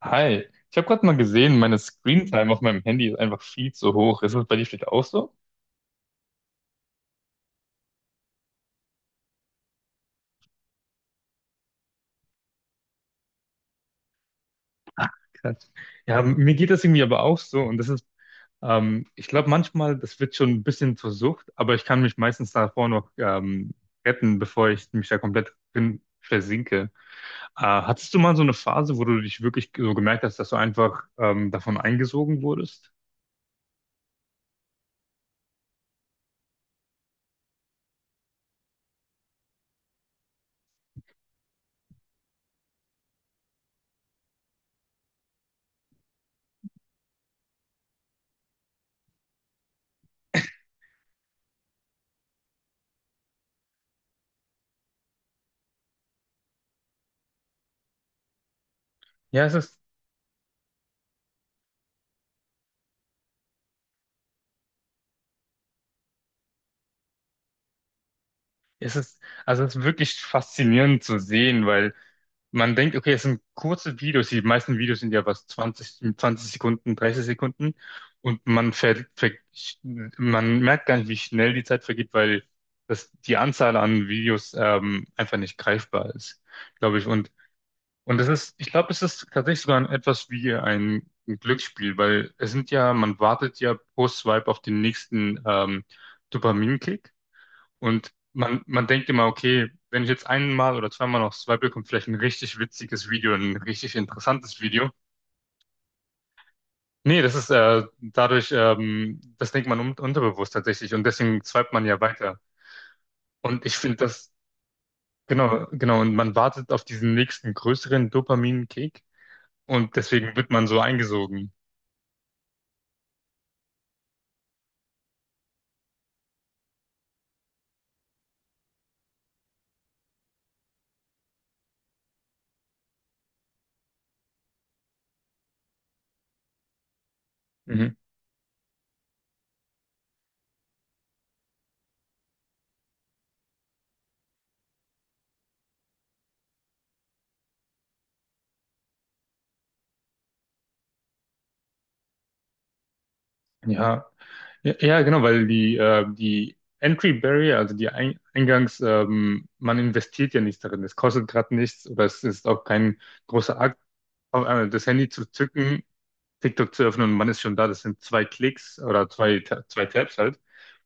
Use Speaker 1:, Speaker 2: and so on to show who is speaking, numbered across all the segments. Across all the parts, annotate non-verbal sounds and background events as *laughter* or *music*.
Speaker 1: Hi, ich habe gerade mal gesehen, meine Screentime auf meinem Handy ist einfach viel zu hoch. Ist das bei dir vielleicht auch so? Ach, krass. Ja, mir geht das irgendwie aber auch so. Und das ist, ich glaube manchmal, das wird schon ein bisschen zur Sucht, aber ich kann mich meistens davor noch retten, bevor ich mich da komplett drin versinke. Hattest du mal so eine Phase, wo du dich wirklich so gemerkt hast, dass du einfach davon eingesogen wurdest? Ja, es ist, es ist, also es ist wirklich faszinierend zu sehen, weil man denkt, okay, es sind kurze Videos. Die meisten Videos sind ja was 20, 20 Sekunden, 30 Sekunden. Und man merkt gar nicht, wie schnell die Zeit vergeht, weil das, die Anzahl an Videos einfach nicht greifbar ist, glaube ich. Und das ist, ich glaube, es ist tatsächlich sogar etwas wie ein Glücksspiel, weil es sind ja, man wartet ja pro Swipe auf den nächsten Dopaminkick. Und man denkt immer, okay, wenn ich jetzt einmal oder zweimal noch swipe, kommt vielleicht ein richtig witziges Video, ein richtig interessantes Video. Nee, das ist dadurch, das denkt man un unterbewusst tatsächlich und deswegen swipet man ja weiter. Und ich finde das, genau, genau, und man wartet auf diesen nächsten größeren Dopamin-Kick und deswegen wird man so eingesogen. Mhm. Ja, ja, ja, genau, weil die Entry Barrier, also die Ein Eingangs, man investiert ja nichts darin. Es kostet gerade nichts oder es ist auch kein großer Akt, auf einmal das Handy zu zücken, TikTok zu öffnen und man ist schon da. Das sind zwei Klicks oder zwei Tabs halt.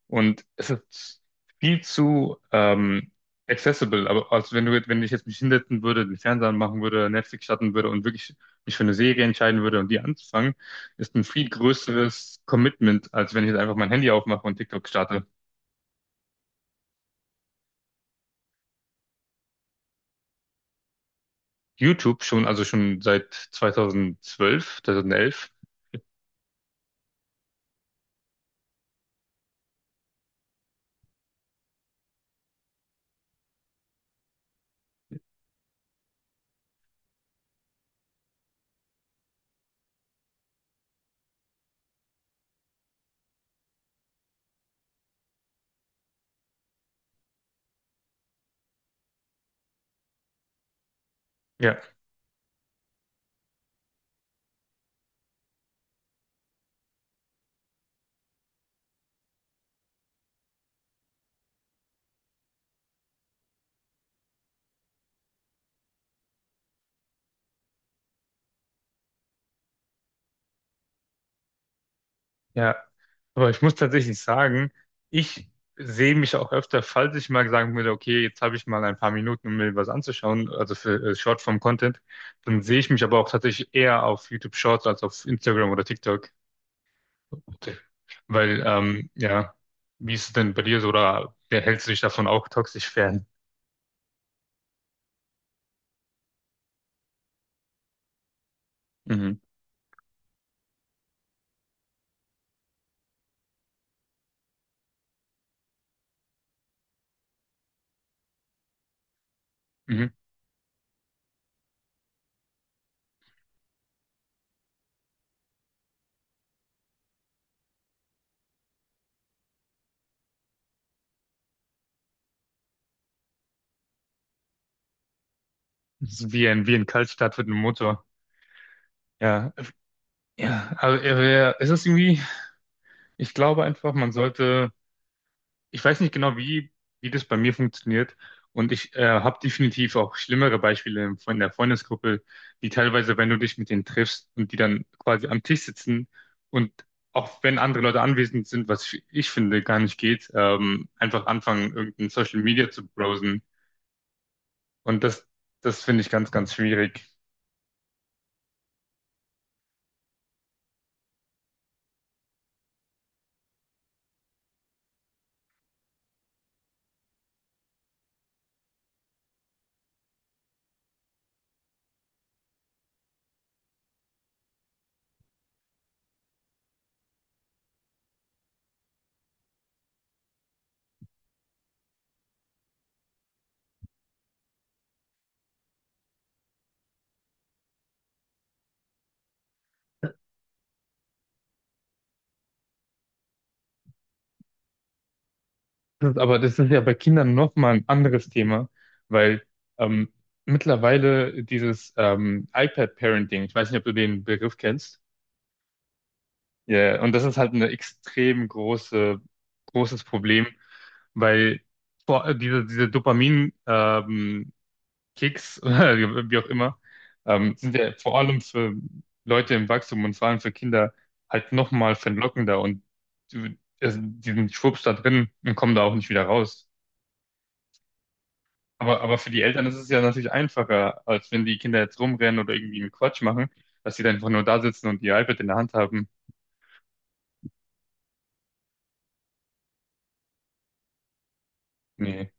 Speaker 1: Und es ist viel zu accessible. Aber als wenn du, wenn ich jetzt mich hinsetzen würde, den Fernseher anmachen würde, Netflix starten würde und wirklich mich für eine Serie entscheiden würde und die anzufangen, ist ein viel größeres Commitment, als wenn ich jetzt einfach mein Handy aufmache und TikTok starte. YouTube schon, also schon seit 2012, 2011. Ja, ja, aber ich muss tatsächlich sagen, ich sehe mich auch öfter, falls ich mal sagen würde, okay, jetzt habe ich mal ein paar Minuten, um mir was anzuschauen, also für Shortform-Content, dann sehe ich mich aber auch tatsächlich eher auf YouTube Shorts als auf Instagram oder TikTok. Weil, ja, wie ist es denn bei dir so, oder wer hältst du dich davon auch toxisch fern? Mhm. Mhm. Das ist wie wie ein Kaltstart mit einem Motor. Ja, ja, also es ist irgendwie, ich glaube einfach, man sollte, ich weiß nicht genau, wie das bei mir funktioniert. Und ich habe definitiv auch schlimmere Beispiele von der Freundesgruppe, die teilweise, wenn du dich mit denen triffst und die dann quasi am Tisch sitzen und auch wenn andere Leute anwesend sind, was ich finde gar nicht geht, einfach anfangen, irgendein Social Media zu browsen. Und das finde ich ganz schwierig. Das, ist aber das ist ja bei Kindern nochmal ein anderes Thema, weil ähm, mittlerweile dieses iPad-Parenting, ich weiß nicht, ob du den Begriff kennst. Ja, ja, und das ist halt ein großes Problem, weil diese, diese Dopamin, Kicks, *laughs* oder wie auch immer, sind ja vor allem für Leute im Wachstum und vor allem für Kinder halt nochmal verlockender und also die sind schwupps da drin und kommen da auch nicht wieder raus. Aber für die Eltern ist es ja natürlich einfacher, als wenn die Kinder jetzt rumrennen oder irgendwie einen Quatsch machen, dass sie dann einfach nur da sitzen und ihr iPad in der Hand haben. Nee.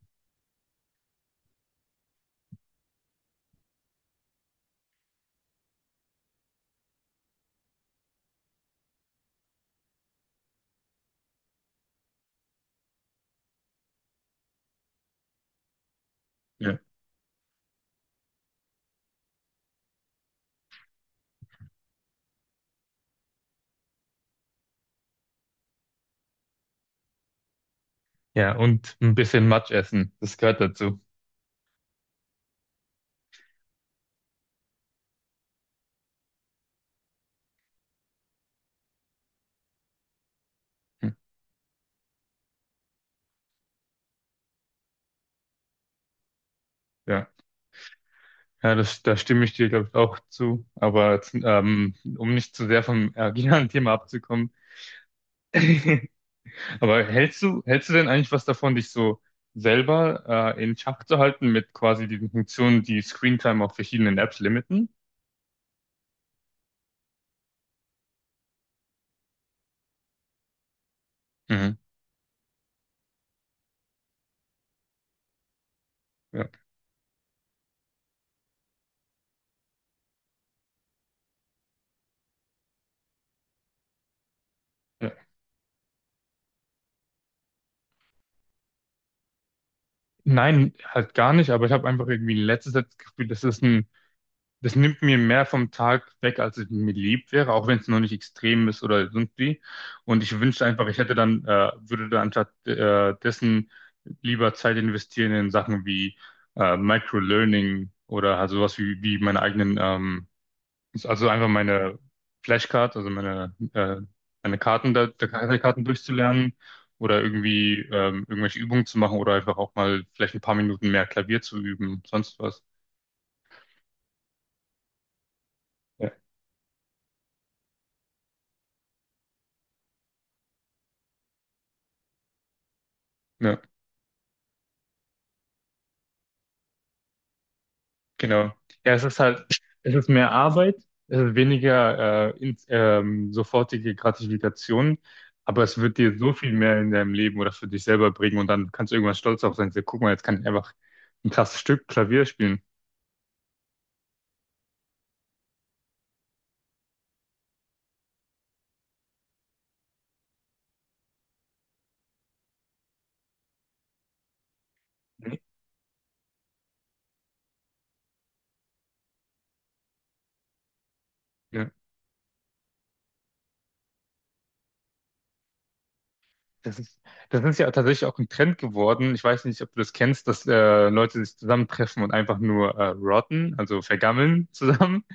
Speaker 1: Ja, und ein bisschen Matsch essen, das gehört dazu. Hm, ja, ja das, da stimme ich dir, glaube ich, auch zu. Aber jetzt, um nicht zu sehr vom originalen *laughs* Thema abzukommen, aber hältst du denn eigentlich was davon, dich so selber in Schach zu halten mit quasi diesen Funktionen, die Screentime auf verschiedenen Apps limiten? Mhm. Ja, ja. Nein, halt gar nicht, aber ich habe einfach irgendwie in letzter Zeit das Gefühl, das ist ein das nimmt mir mehr vom Tag weg, als es mir lieb wäre, auch wenn es noch nicht extrem ist oder irgendwie. Und ich wünschte einfach, würde dann anstatt dessen lieber Zeit investieren in Sachen wie Microlearning oder halt sowas wie meine eigenen, also einfach meine Flashcards, also meine Karten da, der Karten durchzulernen oder irgendwie irgendwelche Übungen zu machen oder einfach auch mal vielleicht ein paar Minuten mehr Klavier zu üben, sonst was. Ja. Genau. Ja, es ist halt, es ist mehr Arbeit, es ist weniger sofortige Gratifikation, aber es wird dir so viel mehr in deinem Leben oder für dich selber bringen und dann kannst du irgendwann stolz darauf sein, so, guck mal, jetzt kann ich einfach ein krasses Stück Klavier spielen. Ja, das ist, das ist ja tatsächlich auch ein Trend geworden. Ich weiß nicht, ob du das kennst, dass Leute sich zusammentreffen und einfach nur rotten, also vergammeln zusammen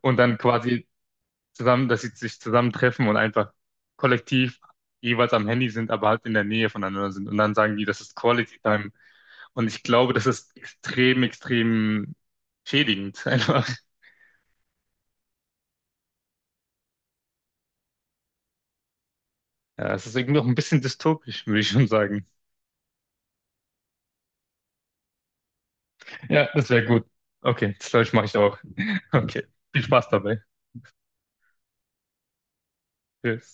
Speaker 1: und dann quasi zusammen, dass sie sich zusammentreffen und einfach kollektiv jeweils am Handy sind, aber halt in der Nähe voneinander sind. Und dann sagen die, das ist Quality Time. Und ich glaube, das ist extrem, extrem schädigend *laughs* einfach. Ja, es ist irgendwie auch ein bisschen dystopisch, würde ich schon sagen. Ja, das wäre gut. Okay, das glaube ich, mache ich auch. Okay, viel Spaß dabei. Tschüss.